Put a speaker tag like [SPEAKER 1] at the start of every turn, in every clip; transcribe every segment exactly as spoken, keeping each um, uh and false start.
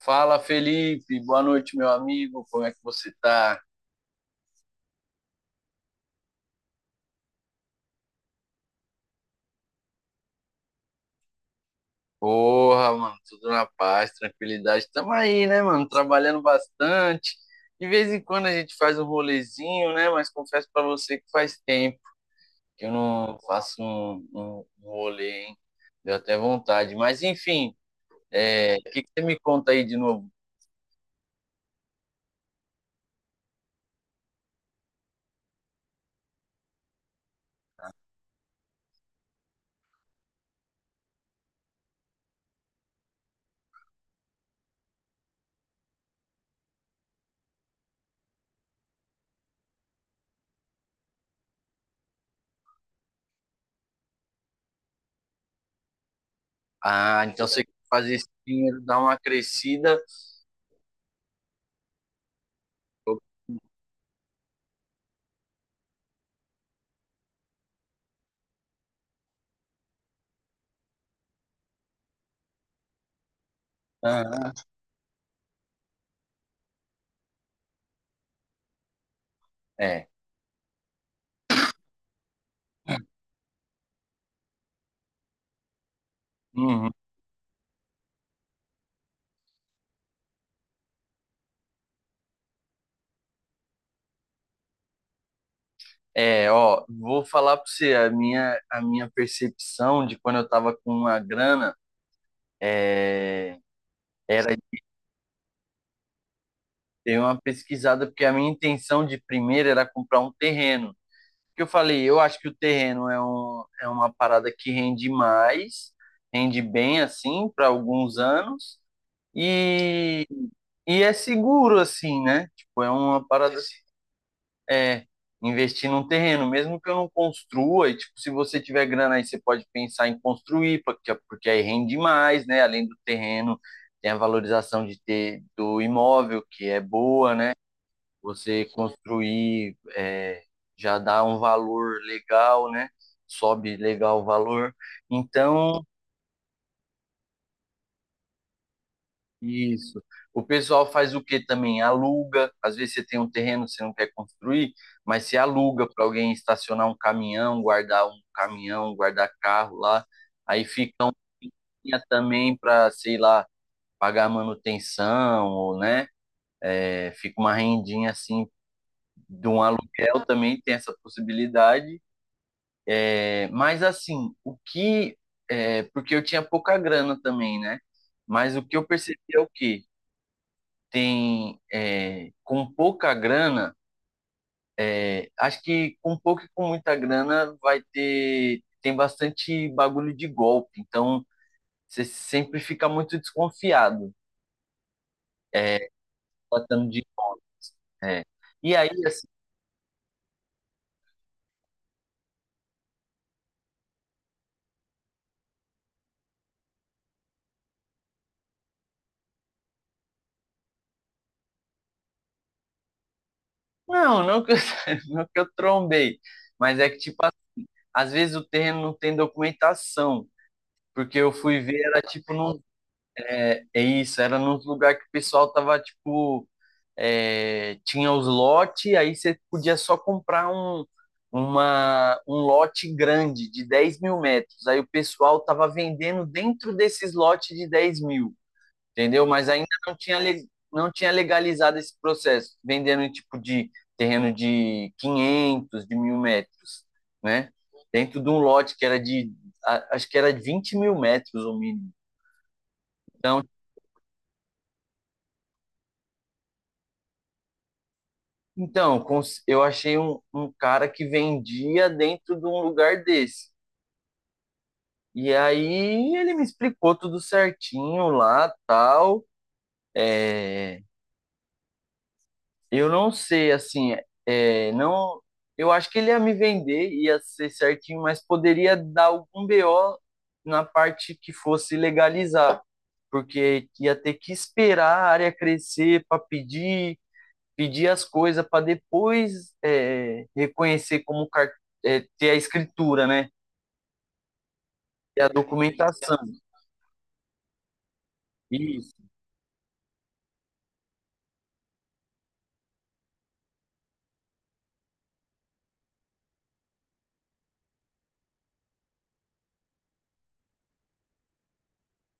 [SPEAKER 1] Fala, Felipe. Boa noite, meu amigo. Como é que você tá? Porra, mano, tudo na paz, tranquilidade. Tamo aí, né, mano? Trabalhando bastante. De vez em quando a gente faz um rolezinho, né? Mas confesso pra você que faz tempo que eu não faço um, um, um rolê, hein? Deu até vontade. Mas, enfim, é, o que que você me conta aí de novo? Ah, então você quer fazer esse dinheiro dar uma crescida? Ah, é. Uhum. É, ó, vou falar para você a minha, a minha percepção de quando eu tava com uma grana, é, era ter uma pesquisada, porque a minha intenção de primeiro era comprar um terreno. Que eu falei, eu acho que o terreno é, um, é uma parada que rende mais, rende bem assim para alguns anos, e, e é seguro assim, né? Tipo, é uma parada é investir num terreno, mesmo que eu não construa, e tipo, se você tiver grana aí, você pode pensar em construir, porque, porque aí rende mais, né? Além do terreno, tem a valorização de ter do imóvel, que é boa, né? Você construir é, já dá um valor legal, né? Sobe legal o valor. Então, isso. O pessoal faz o que também? Aluga. Às vezes você tem um terreno que você não quer construir, mas você aluga para alguém estacionar um caminhão, guardar um caminhão, guardar carro lá. Aí fica um dinheiro também para, sei lá, pagar manutenção, ou, né? É, fica uma rendinha assim de um aluguel também tem essa possibilidade. É, mas assim, o que. É, porque eu tinha pouca grana também, né? Mas o que eu percebi é o quê? Tem é, com pouca grana, é, acho que com pouco e com muita grana vai ter tem bastante bagulho de golpe, então você sempre fica muito desconfiado, é, tratando de é. E aí assim, não, não que eu, não que eu trombei, mas é que tipo às vezes o terreno não tem documentação, porque eu fui ver era tipo num, é, é isso, era num lugar que o pessoal tava tipo é, tinha os lotes, aí você podia só comprar um, uma, um lote grande de dez mil metros. Aí o pessoal estava vendendo dentro desses lotes de dez mil, entendeu? Mas ainda não tinha, não tinha legalizado esse processo, vendendo em tipo de terreno de quinhentos de mil metros, né? Dentro de um lote que era de, acho que era de vinte mil metros o mínimo. Então, então, cons- eu achei um, um cara que vendia dentro de um lugar desse. E aí ele me explicou tudo certinho lá, tal. É, eu não sei, assim, é, não, eu acho que ele ia me vender, ia ser certinho, mas poderia dar algum B O na parte que fosse legalizar, porque ia ter que esperar a área crescer para pedir, pedir as coisas para depois é, reconhecer como car- é, ter a escritura, né? E a documentação. Isso,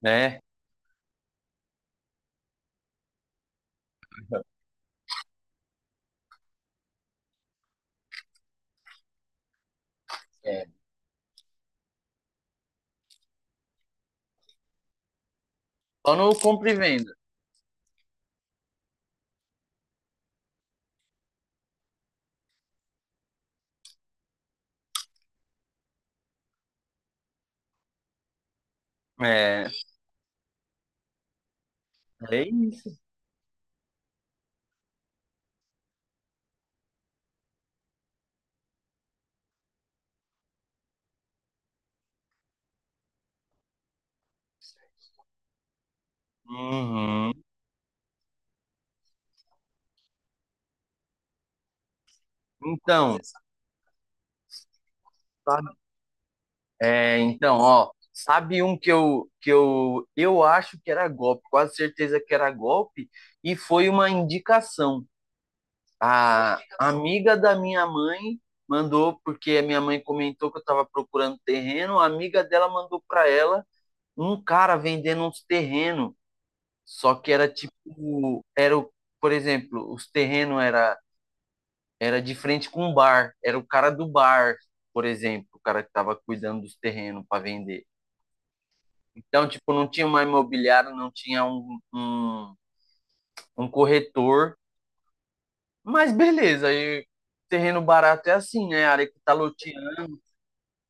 [SPEAKER 1] né? É. Só no compra e venda. É, é isso. Uhum. Então, sabe- é, então, ó, sabe um que eu que eu eu acho que era golpe, quase certeza que era golpe, e foi uma indicação. A amiga da minha mãe mandou porque a minha mãe comentou que eu estava procurando terreno, a amiga dela mandou para ela um cara vendendo uns terrenos. Só que era tipo, era o, por exemplo, os terrenos era era de frente com um bar, era o cara do bar, por exemplo, o cara que estava cuidando dos terrenos para vender. Então, tipo, não tinha uma imobiliária, não tinha um, um, um corretor, mas beleza, aí terreno barato é assim, né? A área que tá loteando.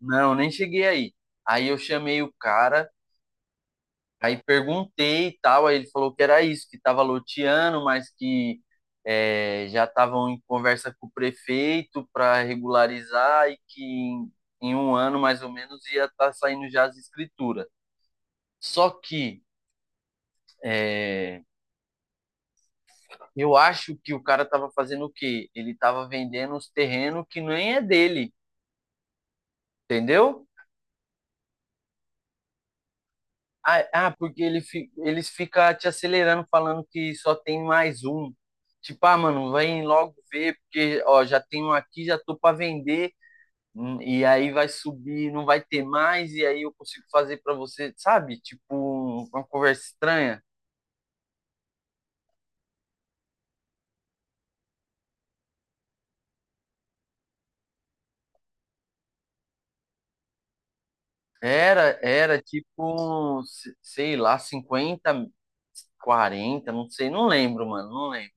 [SPEAKER 1] Não, nem cheguei aí. Aí eu chamei o cara. Aí perguntei e tal, aí ele falou que era isso, que estava loteando, mas que eh, já estavam em conversa com o prefeito para regularizar e que em, em um ano mais ou menos ia estar saindo já as escrituras. Só que eh, eu acho que o cara estava fazendo o quê? Ele estava vendendo os terrenos que nem é dele, entendeu? Ah, ah, porque ele, fi- eles ficam te acelerando, falando que só tem mais um. Tipo, ah, mano, vem logo ver, porque, ó, já tem um aqui, já tô pra vender, hum, e aí vai subir, não vai ter mais, e aí eu consigo fazer pra você, sabe? Tipo, um, uma conversa estranha. Era, era tipo, se- sei lá, cinquenta, quarenta, não sei, não lembro, mano, não lembro.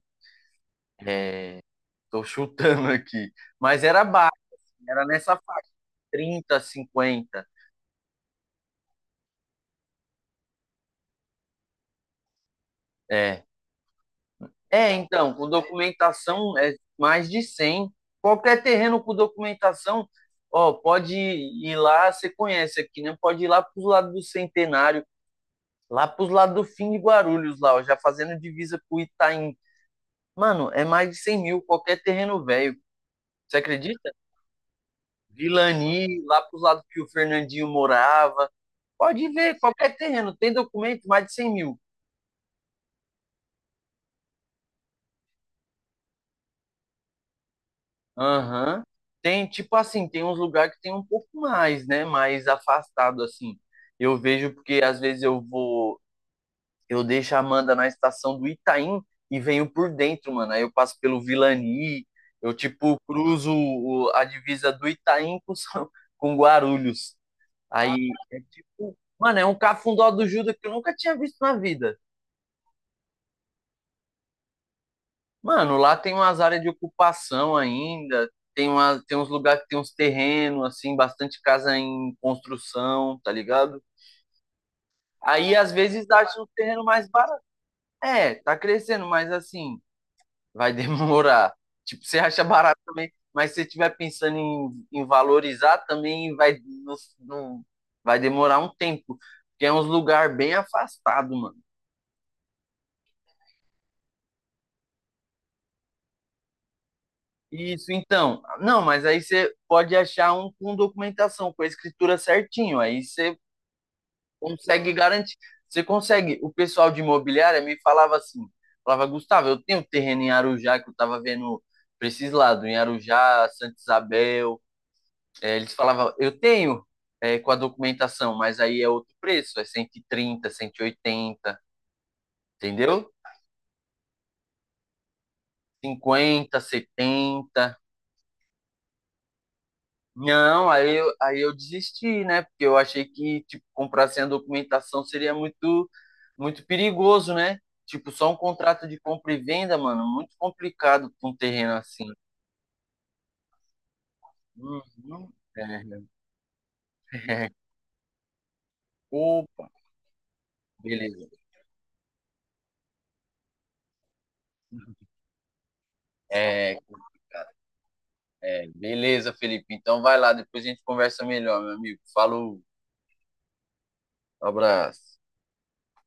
[SPEAKER 1] Tô chutando aqui. Mas era baixo, assim, era nessa faixa, trinta cinquenta. É. É, então, com documentação é mais de cem. Qualquer terreno com documentação, ó, pode ir lá, você conhece aqui, né? Pode ir lá para os lados do Centenário, lá para os lados do fim de Guarulhos, lá, ó, já fazendo divisa com o Itaim. Mano, é mais de cem mil qualquer terreno velho. Você acredita? Vilani, lá para os lados que o Fernandinho morava. Pode ver, qualquer terreno tem documento, mais de cem mil. Aham. Tem, tipo assim, tem uns lugares que tem um pouco mais, né? Mais afastado, assim. Eu vejo porque às vezes eu vou, eu deixo a Amanda na estação do Itaim e venho por dentro, mano. Aí eu passo pelo Vilani, eu, tipo, cruzo o- a divisa do Itaim com, São- com Guarulhos. Aí é tipo, mano, é um cafundó do Judas que eu nunca tinha visto na vida. Mano, lá tem umas áreas de ocupação ainda, tem, uma, tem uns lugares que tem uns terrenos, assim, bastante casa em construção, tá ligado? Aí às vezes dá um terreno mais barato. É, tá crescendo, mas assim, vai demorar. Tipo, você acha barato também, mas se você estiver pensando em, em valorizar também, vai, não, não- vai demorar um tempo, porque é uns lugar bem afastado, mano. Isso, então. Não, mas aí você pode achar um com documentação, com a escritura certinho. Aí você consegue garantir. Você consegue. O pessoal de imobiliária me falava assim: falava, Gustavo, eu tenho terreno em Arujá que eu tava vendo pra esses lados, em Arujá, Santa Isabel. É, eles falavam, eu tenho é, com a documentação, mas aí é outro preço, é cento cento e trinta cento e oitenta, entendeu? Cinquenta setenta. Não, aí eu, aí eu desisti, né? Porque eu achei que, tipo, comprar sem a documentação seria muito, muito perigoso, né? Tipo, só um contrato de compra e venda, mano, muito complicado com um terreno assim. Uhum. É. Opa, beleza. É, beleza, Felipe. Então vai lá, depois a gente conversa melhor, meu amigo. Falou, abraço.